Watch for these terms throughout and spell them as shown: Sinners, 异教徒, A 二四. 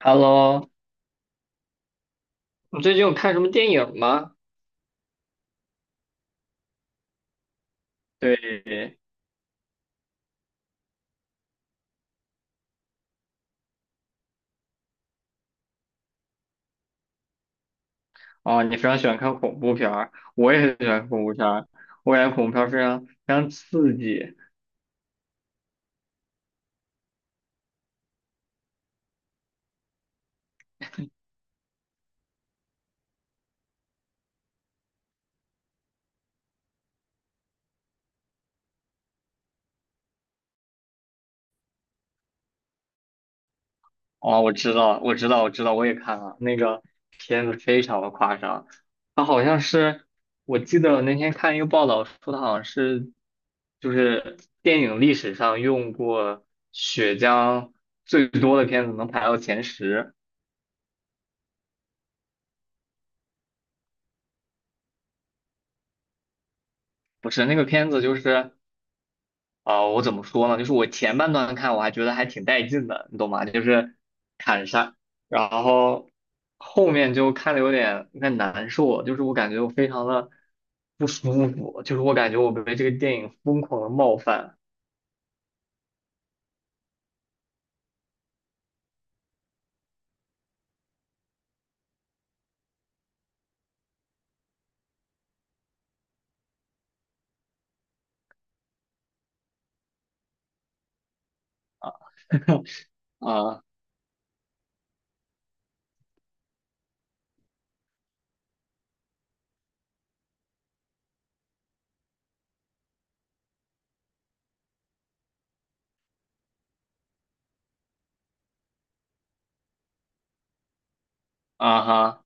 Hello，你最近有看什么电影吗？对，哦，你非常喜欢看恐怖片儿，我也很喜欢看恐怖片儿，我感觉恐怖片儿非常非常刺激。哦，我知道，我知道，我知道，我也看了那个片子，非常的夸张。它好像是，我记得我那天看一个报道说，它好像是就是电影历史上用过血浆最多的片子，能排到前十。不是那个片子，就是。我怎么说呢？就是我前半段看我还觉得还挺带劲的，你懂吗？就是砍杀，然后后面就看的有点难受，就是我感觉我非常的不舒服，就是我感觉我被这个电影疯狂的冒犯。啊啊啊哈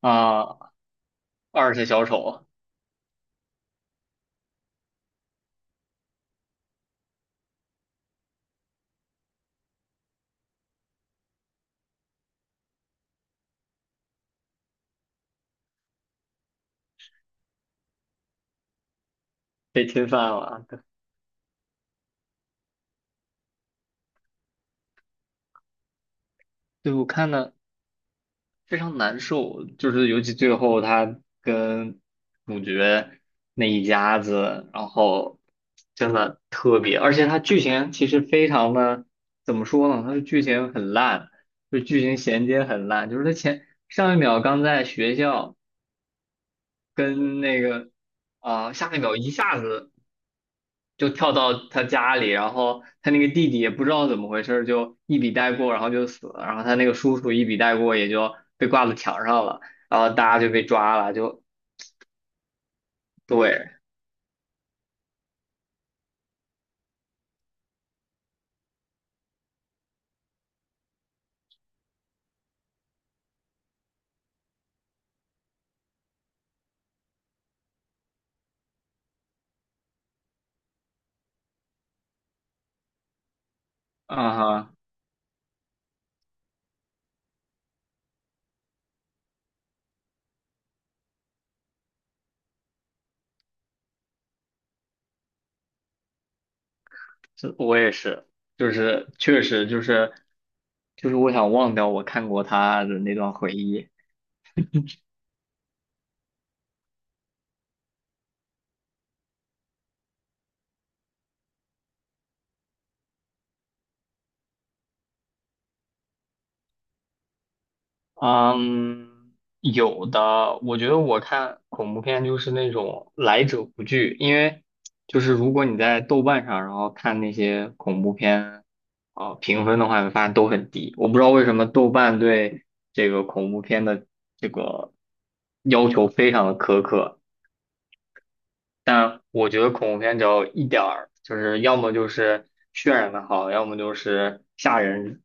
啊，二世小丑被侵犯了，对，我看的非常难受，就是尤其最后他跟主角那一家子，然后真的特别，而且他剧情其实非常的，怎么说呢？他的剧情很烂，就剧情衔接很烂，就是他前上一秒刚在学校跟那个，下一秒一下子就跳到他家里，然后他那个弟弟也不知道怎么回事儿就一笔带过，然后就死了。然后他那个叔叔一笔带过，也就被挂到墙上了。然后大家就被抓了，就对。嗯哈，这我也是，就是确实就是我想忘掉我看过他的那段回忆。嗯，有的，我觉得我看恐怖片就是那种来者不拒，因为就是如果你在豆瓣上，然后看那些恐怖片，评分的话，你发现都很低。我不知道为什么豆瓣对这个恐怖片的这个要求非常的苛刻。但我觉得恐怖片只要一点儿，就是要么就是渲染的好，要么就是吓人，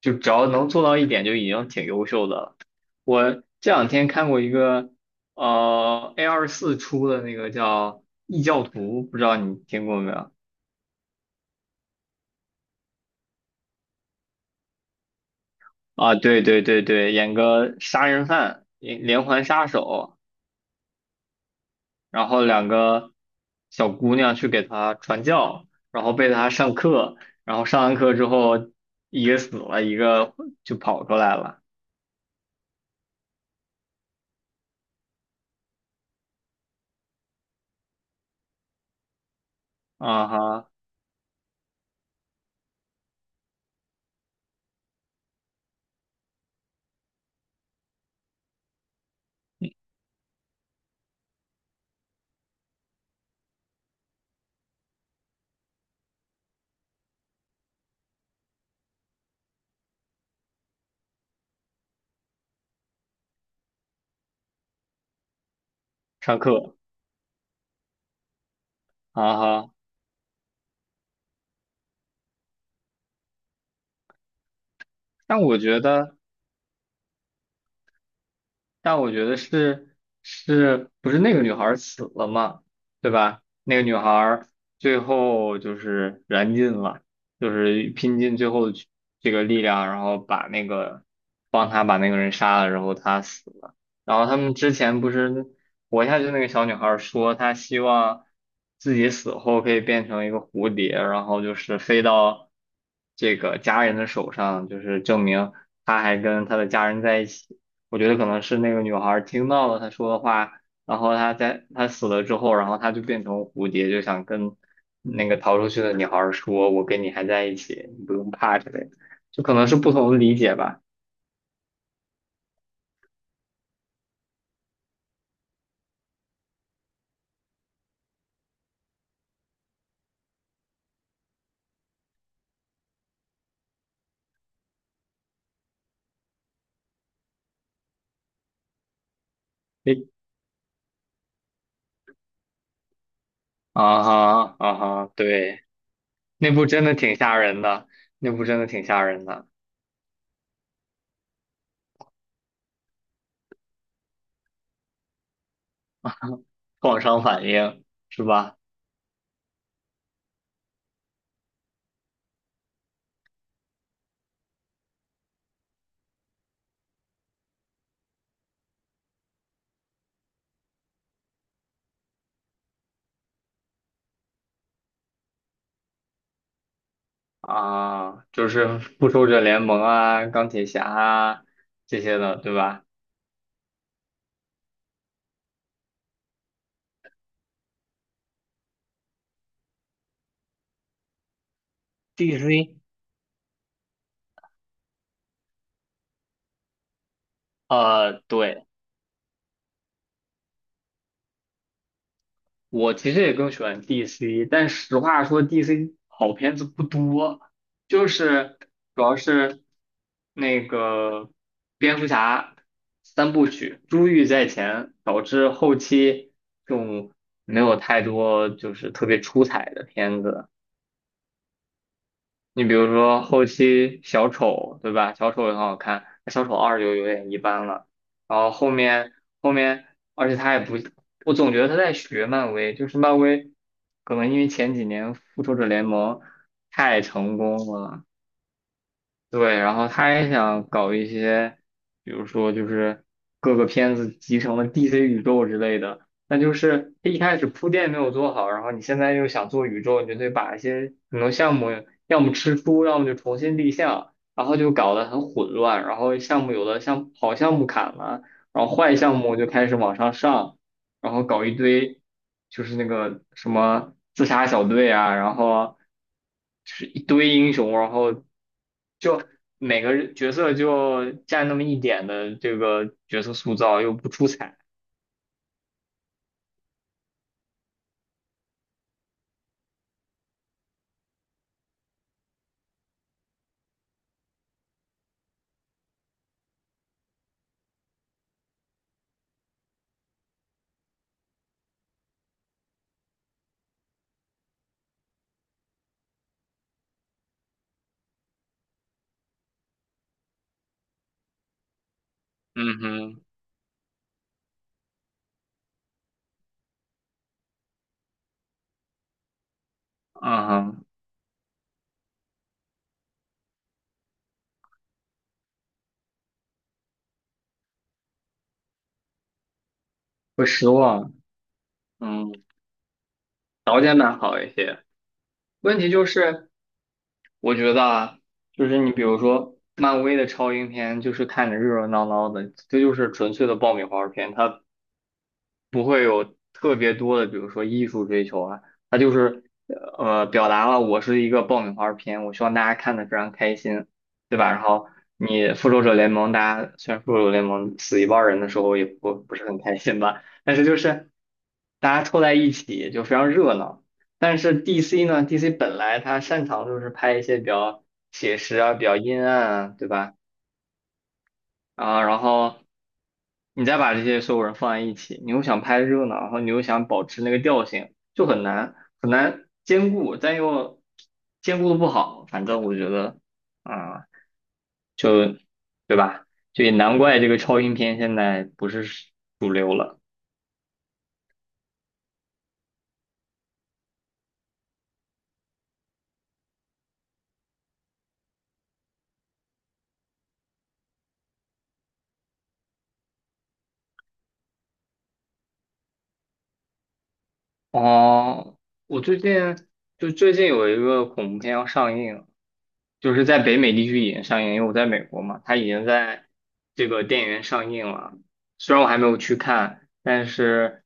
就只要能做到一点就已经挺优秀的了。我这两天看过一个，A24出的那个叫《异教徒》，不知道你听过没有？啊，对对对对，演个杀人犯，连环杀手。然后两个小姑娘去给他传教，然后被他上课，然后上完课之后，一个死了，一个就跑出来了。啊哈，上课，啊哈，但我觉得。但我觉得是，是不是那个女孩儿死了嘛？对吧？那个女孩儿最后就是燃尽了，就是拼尽最后的去这个力量，然后把那个帮他把那个人杀了，然后他死了。然后他们之前不是活下去那个小女孩儿说，她希望自己死后可以变成一个蝴蝶，然后就是飞到这个家人的手上，就是证明她还跟她的家人在一起。我觉得可能是那个女孩儿听到了他说的话，然后他在他死了之后，然后他就变成蝴蝶，就想跟那个逃出去的女孩儿说：“我跟你还在一起，你不用怕之类的。”就可能是不同的理解吧。诶，啊哈啊哈，对，那部真的挺吓人的，那部真的挺吓人的，创伤反应是吧？啊，就是复仇者联盟啊、钢铁侠啊这些的，对吧？DC，对。我其实也更喜欢 DC，但实话说，DC 好片子不多，就是主要是那个蝙蝠侠三部曲，珠玉在前，导致后期就没有太多就是特别出彩的片子。你比如说后期小丑，对吧？小丑也很好看，小丑二就有点一般了。然后后面，而且他也不，我总觉得他在学漫威，就是漫威可能因为前几年复仇者联盟太成功了，对，然后他也想搞一些，比如说就是各个片子集成了 DC 宇宙之类的。那就是他一开始铺垫没有做好，然后你现在又想做宇宙，你就得把一些很多项目要么吃书，要么就重新立项，然后就搞得很混乱，然后项目有的像好项目砍了，然后坏项目就开始往上上，然后搞一堆就是那个什么自杀小队啊，然后就是一堆英雄，然后就每个人角色就占那么一点的这个角色塑造，又不出彩。嗯哼，嗯哼，会失望，嗯，导演版好一些。问题就是，我觉得啊，就是你比如说漫威的超英片，就是看着热热闹闹的，这就是纯粹的爆米花片，它不会有特别多的，比如说艺术追求啊，它就是表达了我是一个爆米花片，我希望大家看的非常开心，对吧？然后你复仇者联盟，大家虽然复仇者联盟死一半人的时候也不是很开心吧，但是就是大家凑在一起就非常热闹。但是 DC 呢，DC 本来它擅长就是拍一些比较写实啊、比较阴暗啊，对吧？啊，然后你再把这些所有人放在一起，你又想拍热闹，然后你又想保持那个调性，就很难兼顾，但又兼顾的不好。反正我觉得，啊、就对吧？就也难怪这个超英片现在不是主流了。哦，我最近有一个恐怖片要上映，就是在北美地区已经上映，因为我在美国嘛，它已经在这个电影院上映了。虽然我还没有去看，但是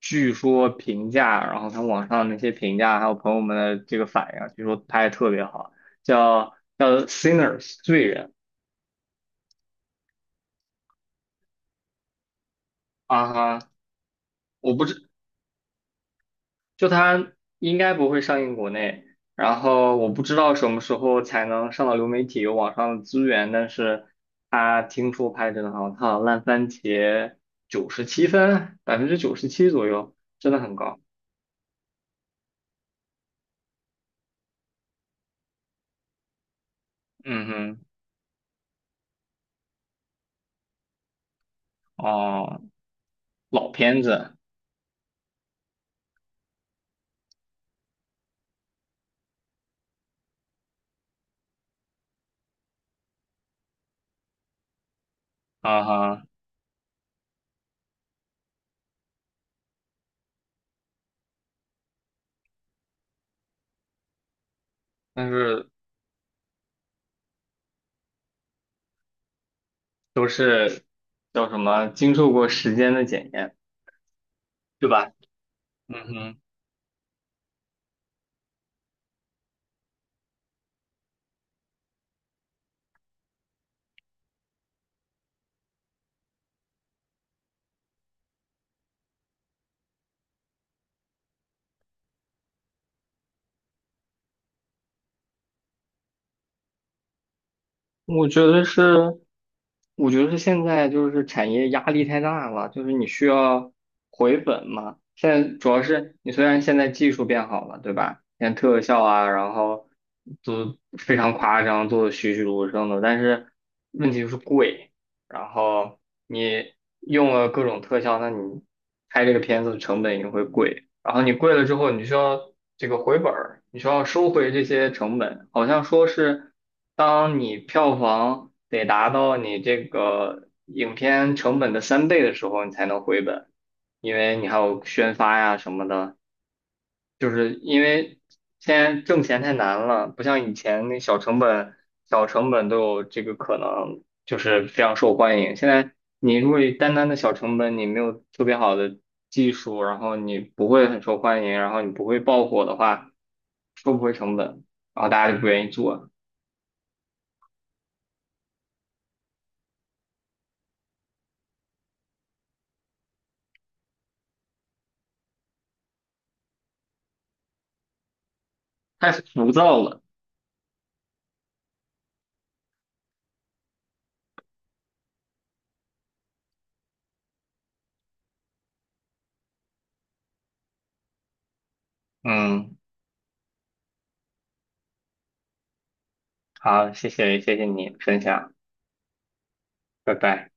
据说评价，然后看网上那些评价，还有朋友们的这个反应，据说拍的特别好，叫《Sinners》罪人。啊哈，我不知就它应该不会上映国内，然后我不知道什么时候才能上到流媒体有网上的资源，但是它听说拍得真的很好，它好像烂番茄97分，97%左右，真的很高。嗯哼，哦，老片子，啊哈，但是都是叫什么经受过时间的检验，对吧？嗯哼。我觉得是，我觉得是现在就是产业压力太大了，就是你需要回本嘛。现在主要是你虽然现在技术变好了，对吧？像特效啊，然后都非常夸张，做的栩栩如生的，但是问题就是贵。然后你用了各种特效，那你拍这个片子的成本也会贵。然后你贵了之后，你需要这个回本儿，你需要收回这些成本。好像说是，当你票房得达到你这个影片成本的3倍的时候，你才能回本，因为你还有宣发呀什么的。就是因为现在挣钱太难了，不像以前那小成本、小成本都有这个可能，就是非常受欢迎。现在你如果单单的小成本，你没有特别好的技术，然后你不会很受欢迎，然后你不会爆火的话，收不回成本，然后大家就不愿意做，太浮躁了。嗯，好，谢谢，谢谢你分享，拜拜。